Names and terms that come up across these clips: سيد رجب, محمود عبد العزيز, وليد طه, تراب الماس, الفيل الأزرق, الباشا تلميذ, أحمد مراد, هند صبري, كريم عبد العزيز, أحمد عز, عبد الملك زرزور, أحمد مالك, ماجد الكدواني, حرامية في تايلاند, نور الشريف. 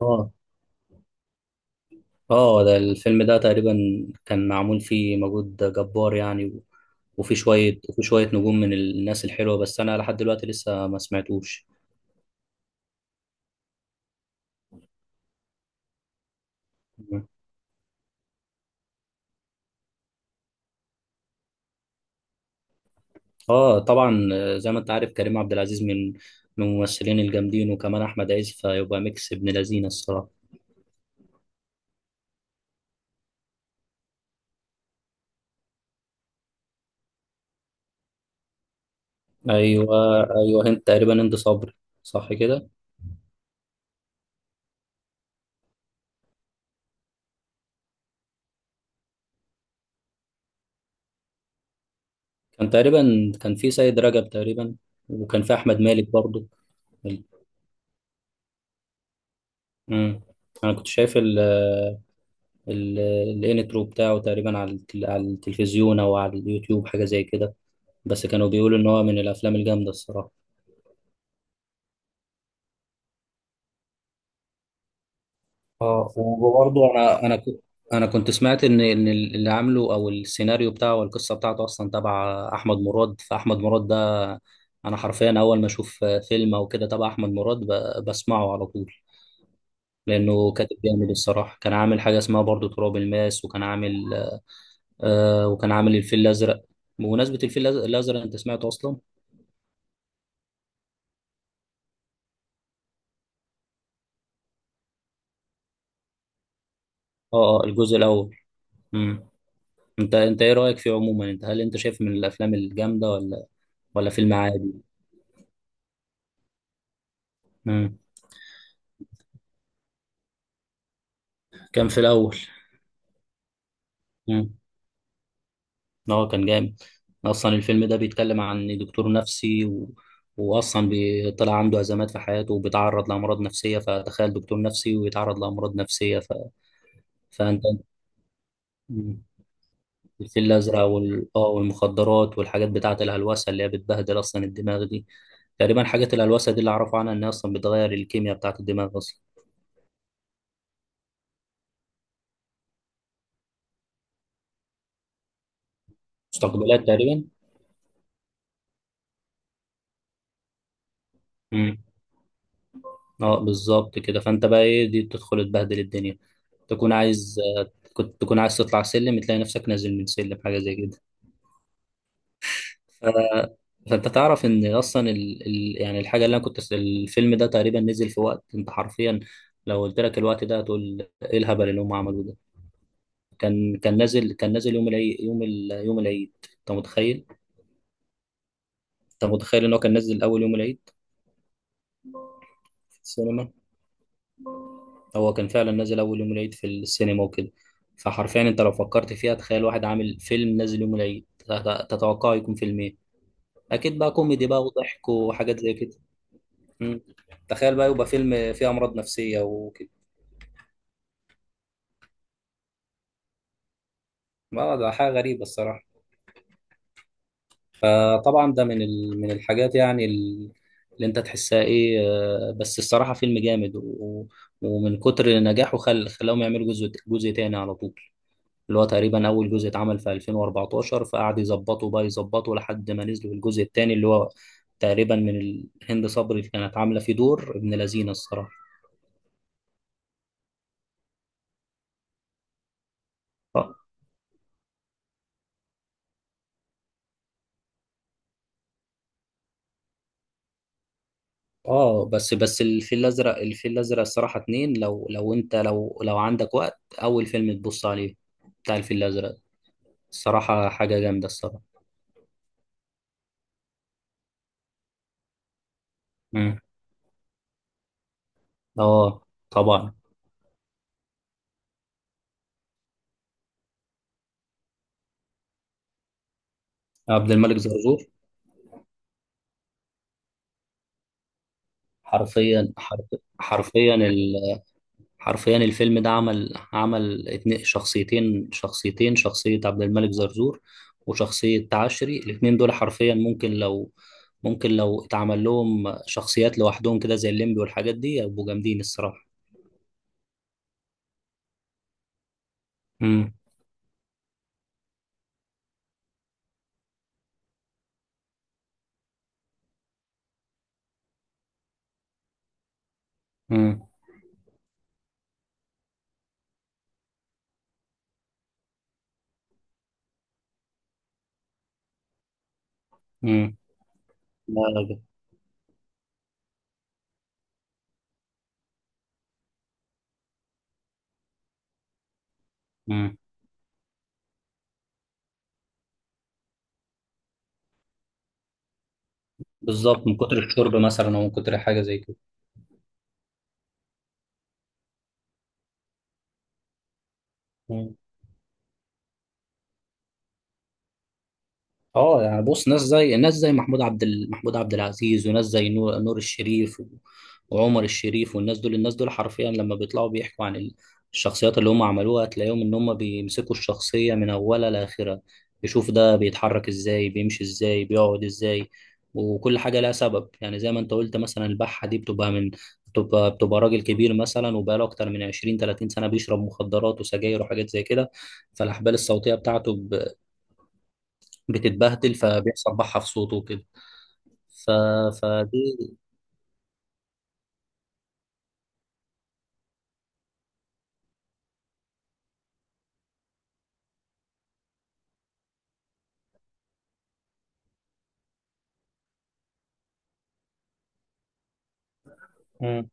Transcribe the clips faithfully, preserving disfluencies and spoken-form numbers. اه اه ده الفيلم ده تقريبا كان معمول فيه مجهود جبار يعني و- وفي شوية وفي شوية نجوم من الناس الحلوة، بس أنا لحد دلوقتي لسه ما سمعتوش. اه طبعا، آه، زي ما أنت عارف كريم عبد العزيز من من الممثلين الجامدين، وكمان أحمد عز، فيبقى ميكس ابن لذينة الصراحة. أيوه، أيوه، هند تقريبا، هند صبري. صح كده. كان تقريبا كان في سيد رجب تقريبا، وكان في أحمد مالك برضه. مم. أنا كنت شايف الانترو بتاعه تقريبا على التل- على التلفزيون او على اليوتيوب حاجه زي كده، بس كانوا بيقولوا ان هو من الافلام الجامده الصراحه. اه وبرضه انا انا ك- انا كنت سمعت ان ان اللي عامله او السيناريو بتاعه والقصه بتاعته اصلا تبع احمد مراد، فاحمد مراد ده انا حرفيا اول ما اشوف فيلم او كده تبع احمد مراد ب- بسمعه على طول، لانه كاتب جامد الصراحه. كان عامل حاجه اسمها برضه تراب الماس، وكان عامل آه وكان عامل الفيل الازرق. بمناسبه الفيل الأز- الازرق، انت سمعته اصلا؟ اه اه، الجزء الاول. امم انت انت ايه رايك فيه عموما؟ انت هل انت شايف من الافلام الجامده ولا ولا فيلم عادي؟ امم. كان في الاول. امم. اه كان جامد. اصلا الفيلم ده بيتكلم عن دكتور نفسي و... واصلا بيطلع عنده ازمات في حياته وبيتعرض لامراض نفسيه، فتخيل دكتور نفسي ويتعرض لامراض نفسيه. ف... فانت مم. الفيل الازرق وال... اه والمخدرات والحاجات بتاعه الهلوسه اللي هي بتبهدل اصلا الدماغ دي. تقريبا حاجات الهلوسه دي اللي اعرفه عنها انها اصلا بتغير الكيمياء بتاعه الدماغ اصلا. مستقبلات تقريبا. امم. اه بالظبط كده، فانت بقى ايه دي بتدخل تبهدل الدنيا. تكون عايز، آه، كنت تكون عايز تطلع سلم تلاقي نفسك نازل من سلم، حاجه زي كده. ف... فانت تعرف ان اصلا ال... ال... يعني الحاجه اللي انا كنت س- الفيلم ده تقريبا نزل في وقت، انت حرفيا لو قلت لك الوقت ده هتقول ايه الهبل اللي هم عملوه ده. كان كان نازل كان نازل يوم العيد، يوم ال... يوم العيد. انت متخيل؟ انت متخيل ان هو كان نازل اول يوم العيد في السينما؟ هو كان فعلا نزل اول يوم العيد في السينما وكده. فحرفيا انت لو فكرت فيها، تخيل واحد عامل فيلم نازل يوم العيد، تت- تتوقعه يكون فيلم ايه؟ اكيد بقى كوميدي بقى وضحك وحاجات زي كده. مم. تخيل بقى يبقى فيلم فيه امراض نفسية وكده. ما ده حاجة غريبة الصراحة. فطبعا ده من ال... من الحاجات يعني ال- اللي انت تحسها ايه، آه، بس الصراحة فيلم جامد و... و- ومن كتر نجاحه خل... خلاهم يعملوا جزء جزء تاني على طول. اللي هو تقريبا اول جزء اتعمل في ألفين وأربعة عشر، فقعد يظبطه بقى يظبطه لحد ما نزلوا الجزء الثاني، اللي هو تقريبا من هند صبري اللي كانت عامله فيه دور ابن لذينه الصراحه. اه. آه، بس بس الفيل الازرق، الفيل الازرق الصراحه اتنين، لو لو انت لو لو عندك وقت اول فيلم تبص عليه بتاع الفيل الازرق، الصراحه حاجه جامده الصراحه. مم. اه طبعا. عبد الملك زرزور. حرفيا حرف- حرفيا. حرفيا الفيلم ده عمل عمل اتنين شخصيتين شخصيتين شخصية عبد الملك زرزور وشخصية تعشري. الاتنين دول حرفيا ممكن لو، ممكن لو اتعمل لهم شخصيات لوحدهم كده زي الليمبي والحاجات دي يبقوا جامدين الصراحة. امم. امم. امم. لا لا. امم. بالظبط، من كتر الشرب مثلا او من كتر حاجة زي كده. اه يعني بص، ناس زي ناس زي محمود عبد ال... محمود عبد العزيز، وناس زي نور، نور الشريف، و... وعمر الشريف، والناس دول، الناس دول حرفيا لما بيطلعوا بيحكوا عن ال- الشخصيات اللي هم عملوها تلاقيهم ان هم بيمسكوا الشخصية من اولها لاخرها، يشوف ده بيتحرك ازاي، بيمشي ازاي، بيقعد ازاي. وكل حاجة لها سبب، يعني زي ما انت قلت مثلا البحة دي بتبقى من بتبقى بتبقى راجل كبير مثلا وبقاله اكتر من عشرين تلاتين سنة بيشرب مخدرات وسجاير وحاجات زي كده، فالاحبال الصوتيه بتاعته بتتبهدل، فبيحصل بحة في صوته وكده. ف... فدي مم.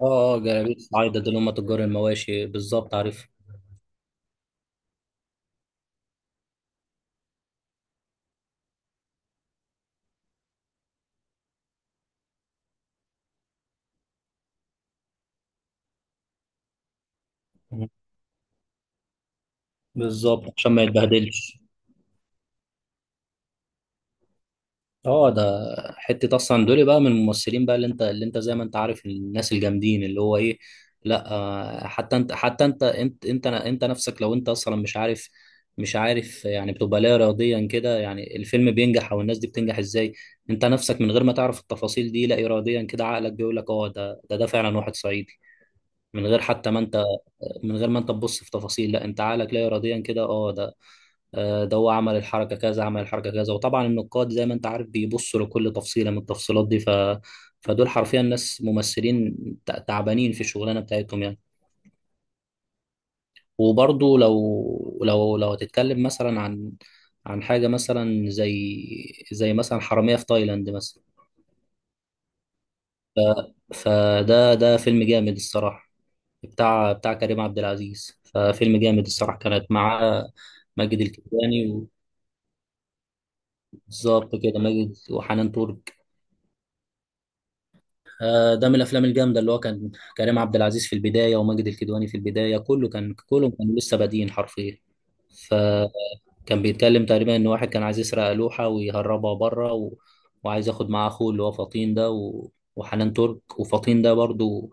اه اه، جرابيب الصعايدة دول هم تجار المواشي بالظبط عارف. مم. بالظبط، عشان ما يتبهدلش. اه ده حته اصلا دول بقى من الممثلين بقى، اللي انت اللي انت زي ما انت عارف، الناس الجامدين اللي هو ايه. لا، آه، حتى انت حتى انت انت انت, انت نفسك لو انت اصلا مش عارف، مش عارف يعني بتبقى لا اراديا كده، يعني الفيلم بينجح او الناس دي بتنجح ازاي. انت نفسك من غير ما تعرف التفاصيل دي، لا اراديا كده عقلك بيقول لك اه ده، ده ده فعلا واحد صعيدي، من غير حتى ما انت من غير ما انت تبص في تفاصيل، لا انت عقلك لا اراديا كده اه ده، آه، ده هو عمل الحركة كذا عمل الحركة كذا. وطبعا النقاد زي ما انت عارف بيبصوا لكل تفصيلة من التفصيلات دي. ف... فدول حرفيا ناس ممثلين تع- تعبانين في الشغلانة بتاعتهم يعني. وبرضه لو لو لو هتتكلم مثلا عن عن حاجة مثلا زي، زي مثلا حرامية في تايلاند مثلا. ف... فده ده فيلم جامد الصراحة، بتاع بتاع كريم عبد العزيز، ففيلم جامد الصراحة كانت معاه ماجد الكدواني. بالظبط كده، ماجد وحنان ترك. آه، ده من الافلام الجامده اللي هو كان كريم عبد العزيز في البدايه وماجد الكدواني في البدايه، كله كان كلهم كانوا لسه بادئين حرفيا. فكان بيتكلم تقريبا ان واحد كان عايز يسرق لوحه ويهربها بره، و... وعايز ياخد معاه اخوه اللي هو فطين ده، و... وحنان ترك، وفطين ده برضو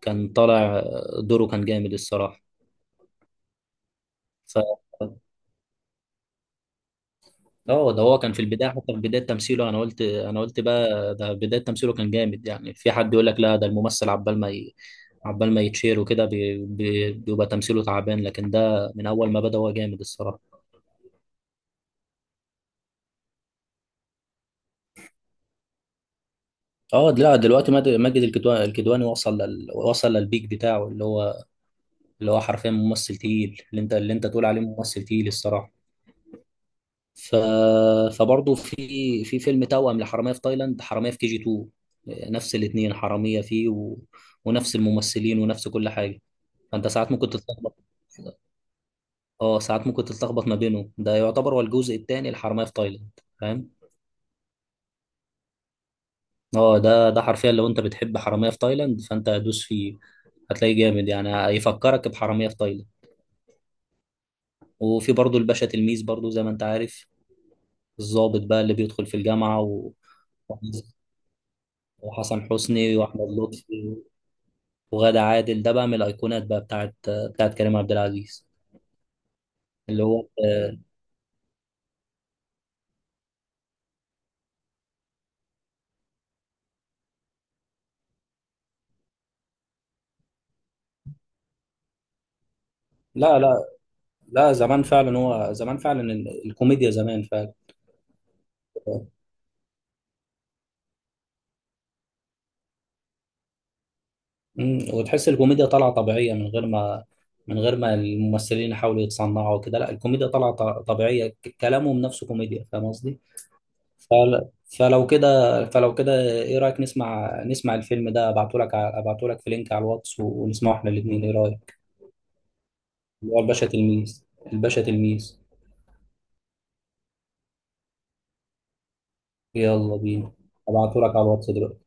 كان طالع دوره كان جامد الصراحه. اه ده هو كان في البدايه، حتى في بدايه تمثيله، انا قلت انا قلت بقى ده بدايه تمثيله كان جامد، يعني في حد يقول لك لا ده الممثل عبال ما ي... عبال ما يتشير وكده بي... بي... بيبقى تمثيله تعبان، لكن ده من اول ما بدا هو جامد الصراحه. اه لا دلوقتي ماجد ماجد الكدواني الكدواني وصل لل... وصل للبيك بتاعه، اللي هو اللي هو حرفيا ممثل تقيل، اللي انت اللي انت تقول عليه ممثل تقيل الصراحه. ف... فبرضه في، في فيلم توأم لحرامية في تايلاند، حرامية في كي جي اتنين. نفس الاتنين حرامية فيه، و... ونفس الممثلين ونفس كل حاجة. فأنت ساعات ممكن تتلخبط. اه ساعات ممكن تتلخبط ما بينهم، ده يعتبر هو الجزء الثاني الحرامية في تايلاند. فاهم. اه ده ده حرفيا لو انت بتحب حرامية في تايلاند فانت هدوس فيه، هتلاقيه جامد يعني، هيفكرك بحرامية في تايلاند. وفي برضه الباشا تلميذ برضه زي ما انت عارف، الضابط بقى اللي بيدخل في الجامعة، و... وحسن حسني واحمد لطفي وغادة عادل، ده بقى من الايقونات بقى بتاعت بتاعت كريم عبد العزيز اللي هو، آه، لا لا لا، زمان فعلا، هو زمان فعلا ال- الكوميديا زمان فعلا. مم، وتحس الكوميديا طالعه طبيعيه، من غير ما، من غير ما الممثلين يحاولوا يتصنعوا وكده، لا الكوميديا طالعه ط- طبيعيه، ك- كلامهم نفسه كوميديا، فاهم قصدي. فل- فلو كده، فلو كده ايه رايك نسمع نسمع الفيلم ده؟ ابعته لك، ابعته لك في لينك على الواتس ونسمعه احنا الاثنين، ايه رايك؟ اللي هو الباشا تلميذ، الباشا تلميذ. يلا بينا. هبعتهولك على الواتس دلوقتي.